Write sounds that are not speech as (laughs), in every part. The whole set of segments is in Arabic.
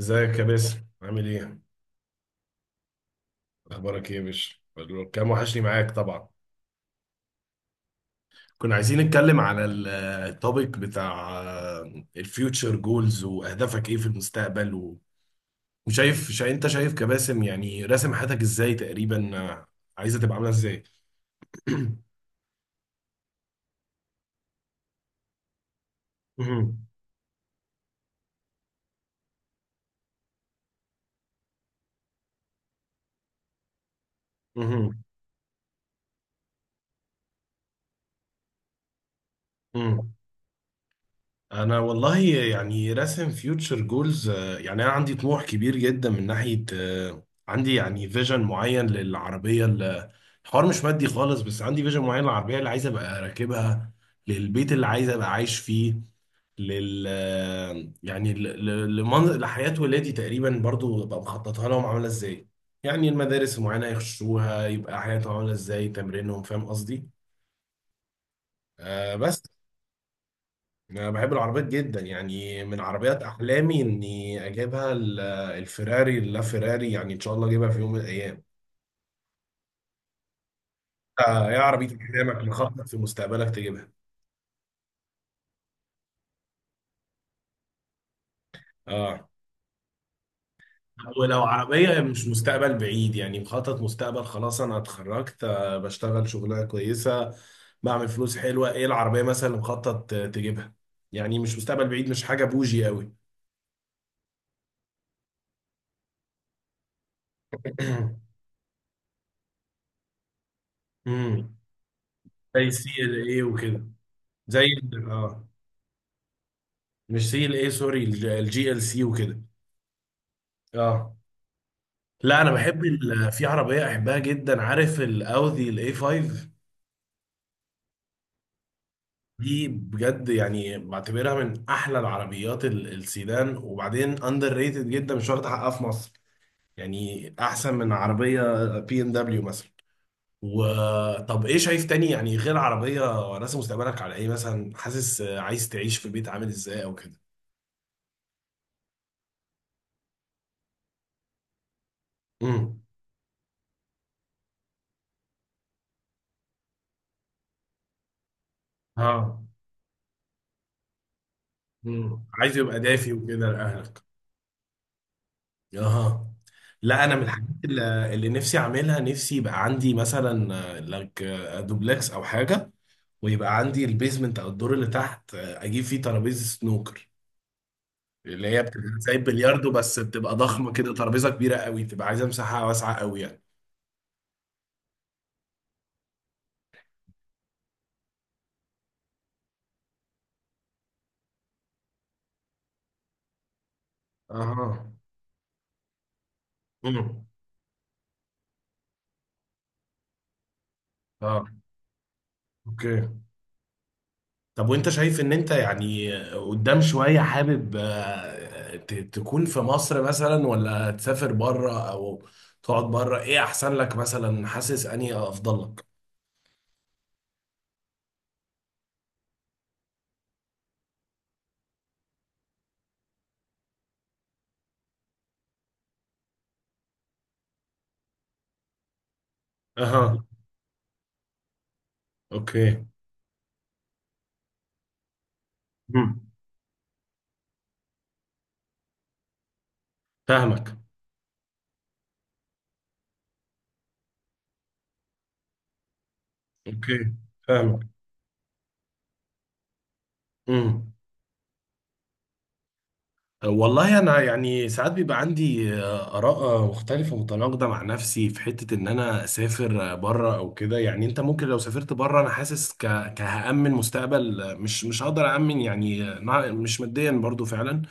ازيك يا باسم، عامل ايه؟ اخبارك ايه يا باشا؟ مبروك. كان وحشني معاك طبعا. كنا عايزين نتكلم على التوبيك بتاع الفيوتشر جولز واهدافك ايه في المستقبل وشايف انت شايف كباسم، يعني راسم حياتك ازاي تقريبا، عايزه تبقى عامله ازاي؟ (clears throat) مهم. مهم. مهم. انا والله يعني راسم فيوتشر جولز، يعني انا عندي طموح كبير جدا من ناحيه، عندي يعني فيجن معين للعربيه الحوار مش مادي خالص، بس عندي فيجن معين للعربيه اللي عايز ابقى راكبها، للبيت اللي عايز ابقى عايش فيه، يعني لحياه ولادي تقريبا برضو ببقى مخططها لهم عامله ازاي. يعني المدارس المعينه يخشوها، يبقى حياتهم عامله ازاي، تمرينهم، فاهم قصدي؟ بس. انا بحب العربيات جدا، يعني من عربيات احلامي اني اجيبها الفيراري، فيراري يعني ان شاء الله اجيبها في يوم من الايام. يا عربية احلامك مخطط في مستقبلك تجيبها؟ اه. ولو عربية مش مستقبل بعيد، يعني مخطط مستقبل، خلاص انا اتخرجت، بشتغل شغلانة كويسة، بعمل فلوس حلوة، ايه العربية مثلا اللي مخطط تجيبها؟ يعني مش مستقبل بعيد، مش حاجة بوجي قوي. (coughs) (clears throat) امم زي السي ال ايه وكده. زي اه، مش سي ال اي، سوري، الجي ال سي وكده. اه. لا انا بحب في عربيه احبها جدا، عارف الاودي الاي 5؟ دي بجد يعني بعتبرها من احلى العربيات السيدان، وبعدين اندر ريتد جدا، مش واخده حقها في مصر، يعني احسن من عربيه بي ام دبليو مثلا. وطب ايه شايف تاني يعني غير عربيه؟ راسم مستقبلك على ايه مثلا؟ حاسس عايز تعيش في بيت عامل ازاي او كده؟ امم. اه. مم، عايز يبقى دافي وكده لاهلك. اها. لا، انا من فاهم الحاجات اللي نفسي اعملها، نفسي يبقى عندي مثلا لك، دوبلكس او حاجه، ويبقى عندي البيزمنت او الدور اللي تحت، اجيب فيه ترابيزه سنوكر، اللي هي بتبقى زي البلياردو بس بتبقى ضخمه كده، ترابيزه كبيره قوي، بتبقى عايزه مساحه واسعه قوي يعني. اها. امم. اه. اوكي. طب وانت شايف ان انت يعني قدام شوية حابب تكون في مصر مثلا ولا تسافر بره، او تقعد بره، ايه احسن لك مثلا، حاسس اني افضل لك؟ اها. اوكي. مم. فاهمك. اوكي. فاهمك. مم. والله انا يعني ساعات بيبقى عندي اراء مختلفه متناقضه مع نفسي، في حته ان انا اسافر بره او كده، يعني انت ممكن لو سافرت بره، انا حاسس كهامن مستقبل، مش هقدر امن يعني، مش ماديا برضو فعلا،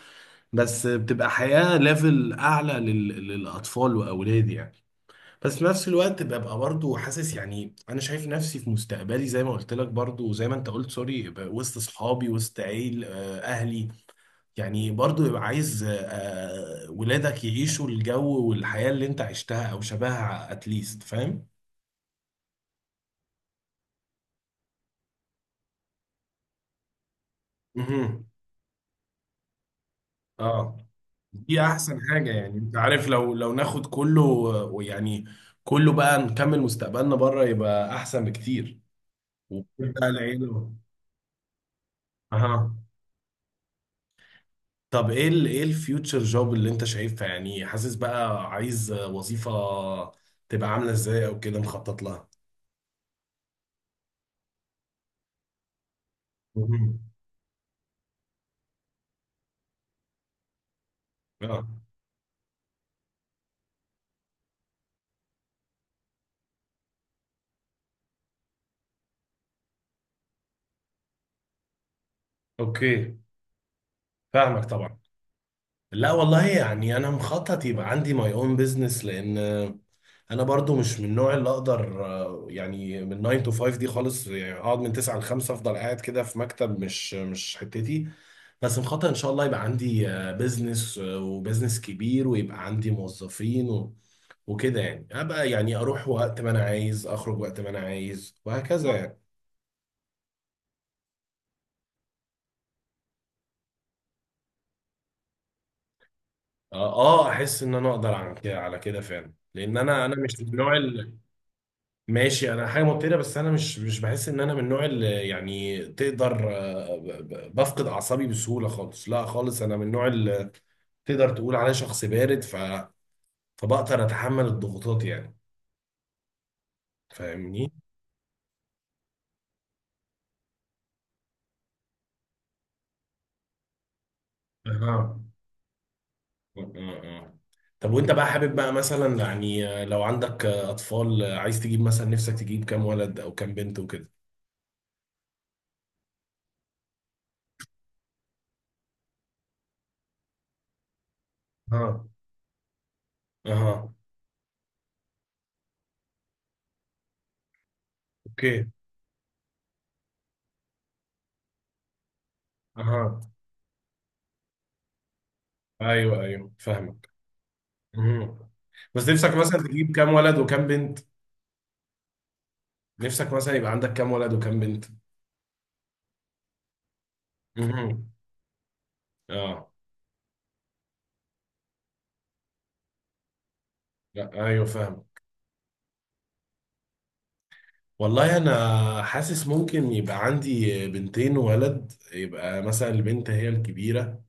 بس بتبقى حياه ليفل اعلى للاطفال واولادي يعني. بس في نفس الوقت ببقى برضو حاسس، يعني انا شايف نفسي في مستقبلي زي ما قلت لك، برضو زي ما انت قلت سوري، وسط اصحابي، وسط عيل آه، اهلي يعني، برضو يبقى عايز ولادك يعيشوا الجو والحياة اللي انت عشتها او شبهها اتليست، فاهم؟ مهم. اه. دي احسن حاجة يعني، انت عارف لو ناخد كله، ويعني كله بقى نكمل مستقبلنا بره يبقى احسن بكتير. وبتبقى العيلة. اها. طب ايه ايه الفيوتشر جوب اللي انت شايفها؟ يعني حاسس بقى عايز وظيفة تبقى عاملة ازاي او كده مخطط لها؟ مهم. اه. اوكي. فاهمك طبعا. لا والله يعني انا مخطط يبقى عندي ماي اون بزنس، لان انا برضو مش من النوع اللي اقدر، يعني، من 9 تو 5 دي خالص، يعني اقعد من 9 ل 5 افضل قاعد كده في مكتب، مش حتتي. بس مخطط ان شاء الله يبقى عندي بزنس، وبزنس كبير، ويبقى عندي موظفين وكده يعني، ابقى يعني اروح وقت ما انا عايز، اخرج وقت ما انا عايز، وهكذا يعني. اه. احس ان انا اقدر على كده، على كده فعلا، لان انا مش من النوع، ماشي انا حاجه مبتدئه، بس انا مش بحس ان انا من النوع اللي يعني تقدر، بفقد اعصابي بسهوله خالص، لا خالص، انا من النوع اللي تقدر تقول عليه شخص بارد، فبقدر اتحمل الضغوطات يعني، فاهمني؟ اها. آه، آه. طب وانت بقى حابب بقى مثلا، يعني لو عندك اطفال، عايز تجيب مثلا، نفسك تجيب كام ولد او كام بنت وكده؟ اه. اها. اوكي. اها. ايوه، ايوه، فاهمك. مهم. بس نفسك مثلا تجيب كام ولد وكام بنت؟ نفسك مثلا يبقى عندك كام ولد وكام بنت؟ مهم. اه. لا، ايوه فاهم. والله انا حاسس ممكن يبقى عندي بنتين وولد، يبقى مثلا البنت هي الكبيرة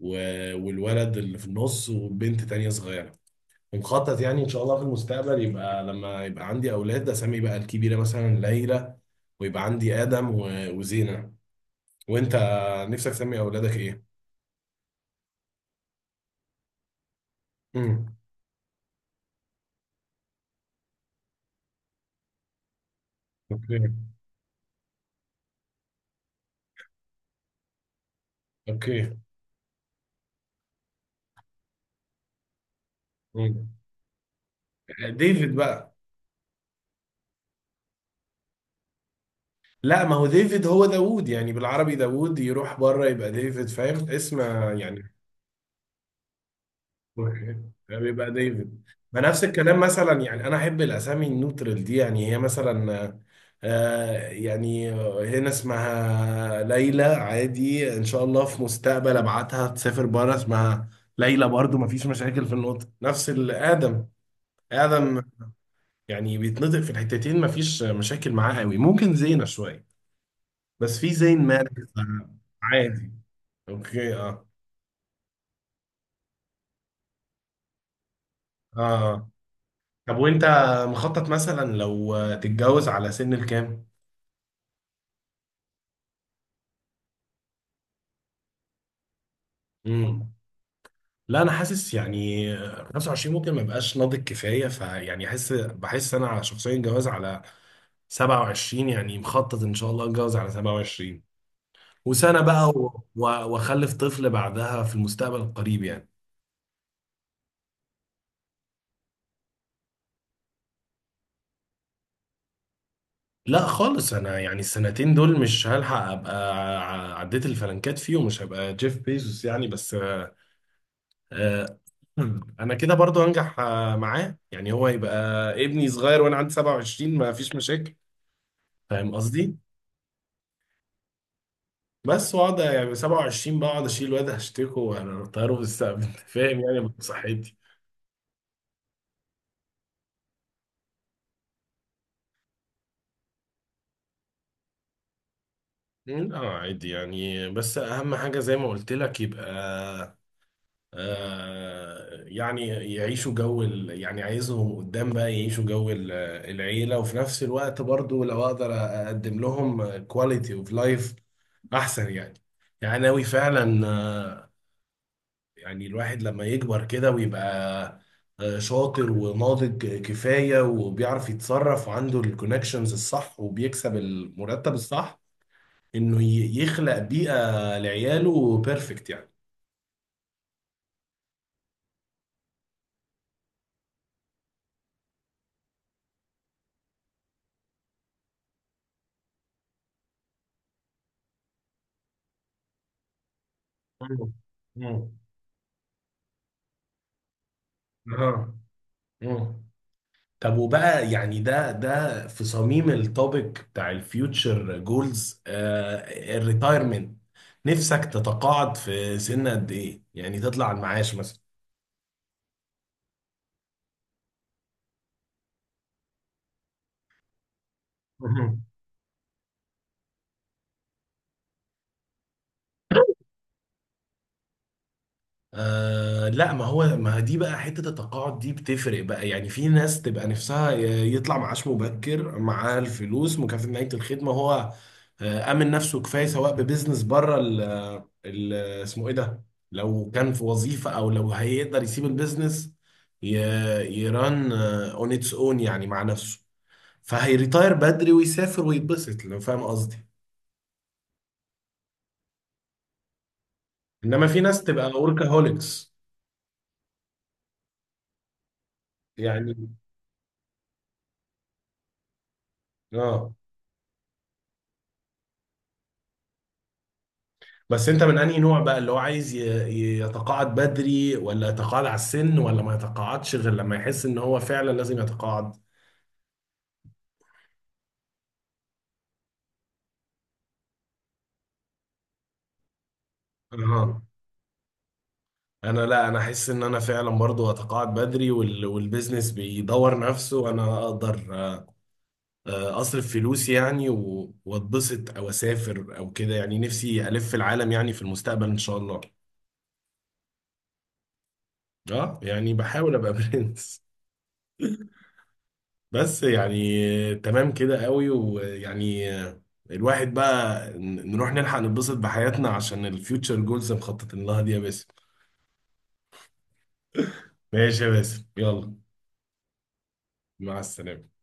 و... والولد اللي في النص وبنت تانية صغيرة. ومخطط يعني ان شاء الله في المستقبل، يبقى لما يبقى عندي اولاد، اسمي بقى الكبيرة مثلا ليلى، ويبقى عندي ادم وزينة. وانت، نفسك تسمي اولادك ايه؟ امم. اوكي. اوكي. مم. ديفيد بقى. لا، ما هو ديفيد هو داوود يعني، بالعربي داوود، يروح بره يبقى ديفيد، فاهم اسم يعني، يبقى ديفيد، ما نفس الكلام مثلا يعني، انا احب الاسامي النوترال دي، يعني هي مثلا، يعني، هنا اسمها ليلى عادي، ان شاء الله في مستقبل ابعتها تسافر بره، اسمها ليلى برضو، ما فيش مشاكل في النطق، نفس الادم، ادم يعني بيتنطق في الحتتين، ما فيش مشاكل معاه قوي. ممكن زينة شوية، بس في زين مالك، عادي. اوكي. اه. اه. آه. طب وانت مخطط مثلا لو تتجوز على سن الكام؟ امم. لا انا حاسس يعني 25 ممكن ما يبقاش ناضج كفايه، فيعني احس، بحس انا على شخصيا جواز على 27، يعني مخطط ان شاء الله اتجوز على 27 وسنه بقى واخلف طفل بعدها في المستقبل القريب يعني. لا خالص، انا يعني السنتين دول مش هلحق ابقى، عديت الفلنكات فيهم، مش هبقى جيف بيزوس يعني، بس آه، (clears throat) انا كده برضو هنجح معاه يعني، هو يبقى ابني صغير وانا عندي 27، ما فيش مشاكل، فاهم قصدي؟ بس واقعد يعني 27 بقعد اشيل واد هشتكه وهطيره في السقف، انت فاهم يعني، بصحتي. لا عادي يعني، بس اهم حاجه زي ما قلت لك، يبقى يعني يعيشوا جو يعني عايزهم قدام بقى يعيشوا جو العيلة، وفي نفس الوقت برضو لو اقدر اقدم لهم كواليتي اوف لايف احسن يعني. يعني ناوي فعلا يعني الواحد لما يكبر كده ويبقى شاطر وناضج كفاية، وبيعرف يتصرف، وعنده الكونكشنز الصح، وبيكسب المرتب الصح، انه يخلق بيئة لعياله بيرفكت يعني. مم. مم. اه. مم. طب وبقى يعني ده في صميم التوبيك بتاع الفيوتشر جولز، الريتايرمنت، نفسك تتقاعد في سن قد ايه، يعني تطلع على المعاش مثلا؟ (laughs) لا، ما هو ما دي بقى حتة التقاعد دي بتفرق بقى يعني، في ناس تبقى نفسها يطلع معاش مبكر، معاه الفلوس مكافأة نهاية الخدمة، هو أمن نفسه كفاية، سواء ببزنس بره ال- اسمه إيه ده، لو كان في وظيفة، أو لو هيقدر يسيب البزنس ي- يران اون اتس اون يعني مع نفسه، فهيريتاير بدري ويسافر ويتبسط، لو فاهم قصدي. إنما في ناس تبقى وركاهوليكس يعني. اه. بس انت من انهي نوع بقى، اللي هو عايز يتقاعد بدري، ولا يتقاعد على السن، ولا ما يتقاعدش غير لما يحس ان هو فعلا لازم يتقاعد؟ اه. انا، لا انا احس ان انا فعلا برضو اتقاعد بدري، والبيزنس بيدور نفسه، انا اقدر اصرف فلوسي يعني، واتبسط او اسافر او كده يعني، نفسي الف العالم يعني في المستقبل ان شاء الله. اه يعني، بحاول ابقى (laughs) برنس. بس يعني تمام كده قوي، ويعني الواحد بقى نروح نلحق نتبسط بحياتنا عشان الفيوتشر جولز مخططين لها دي يا باسم. ماشي يا باسم، يلا. مع السلامة.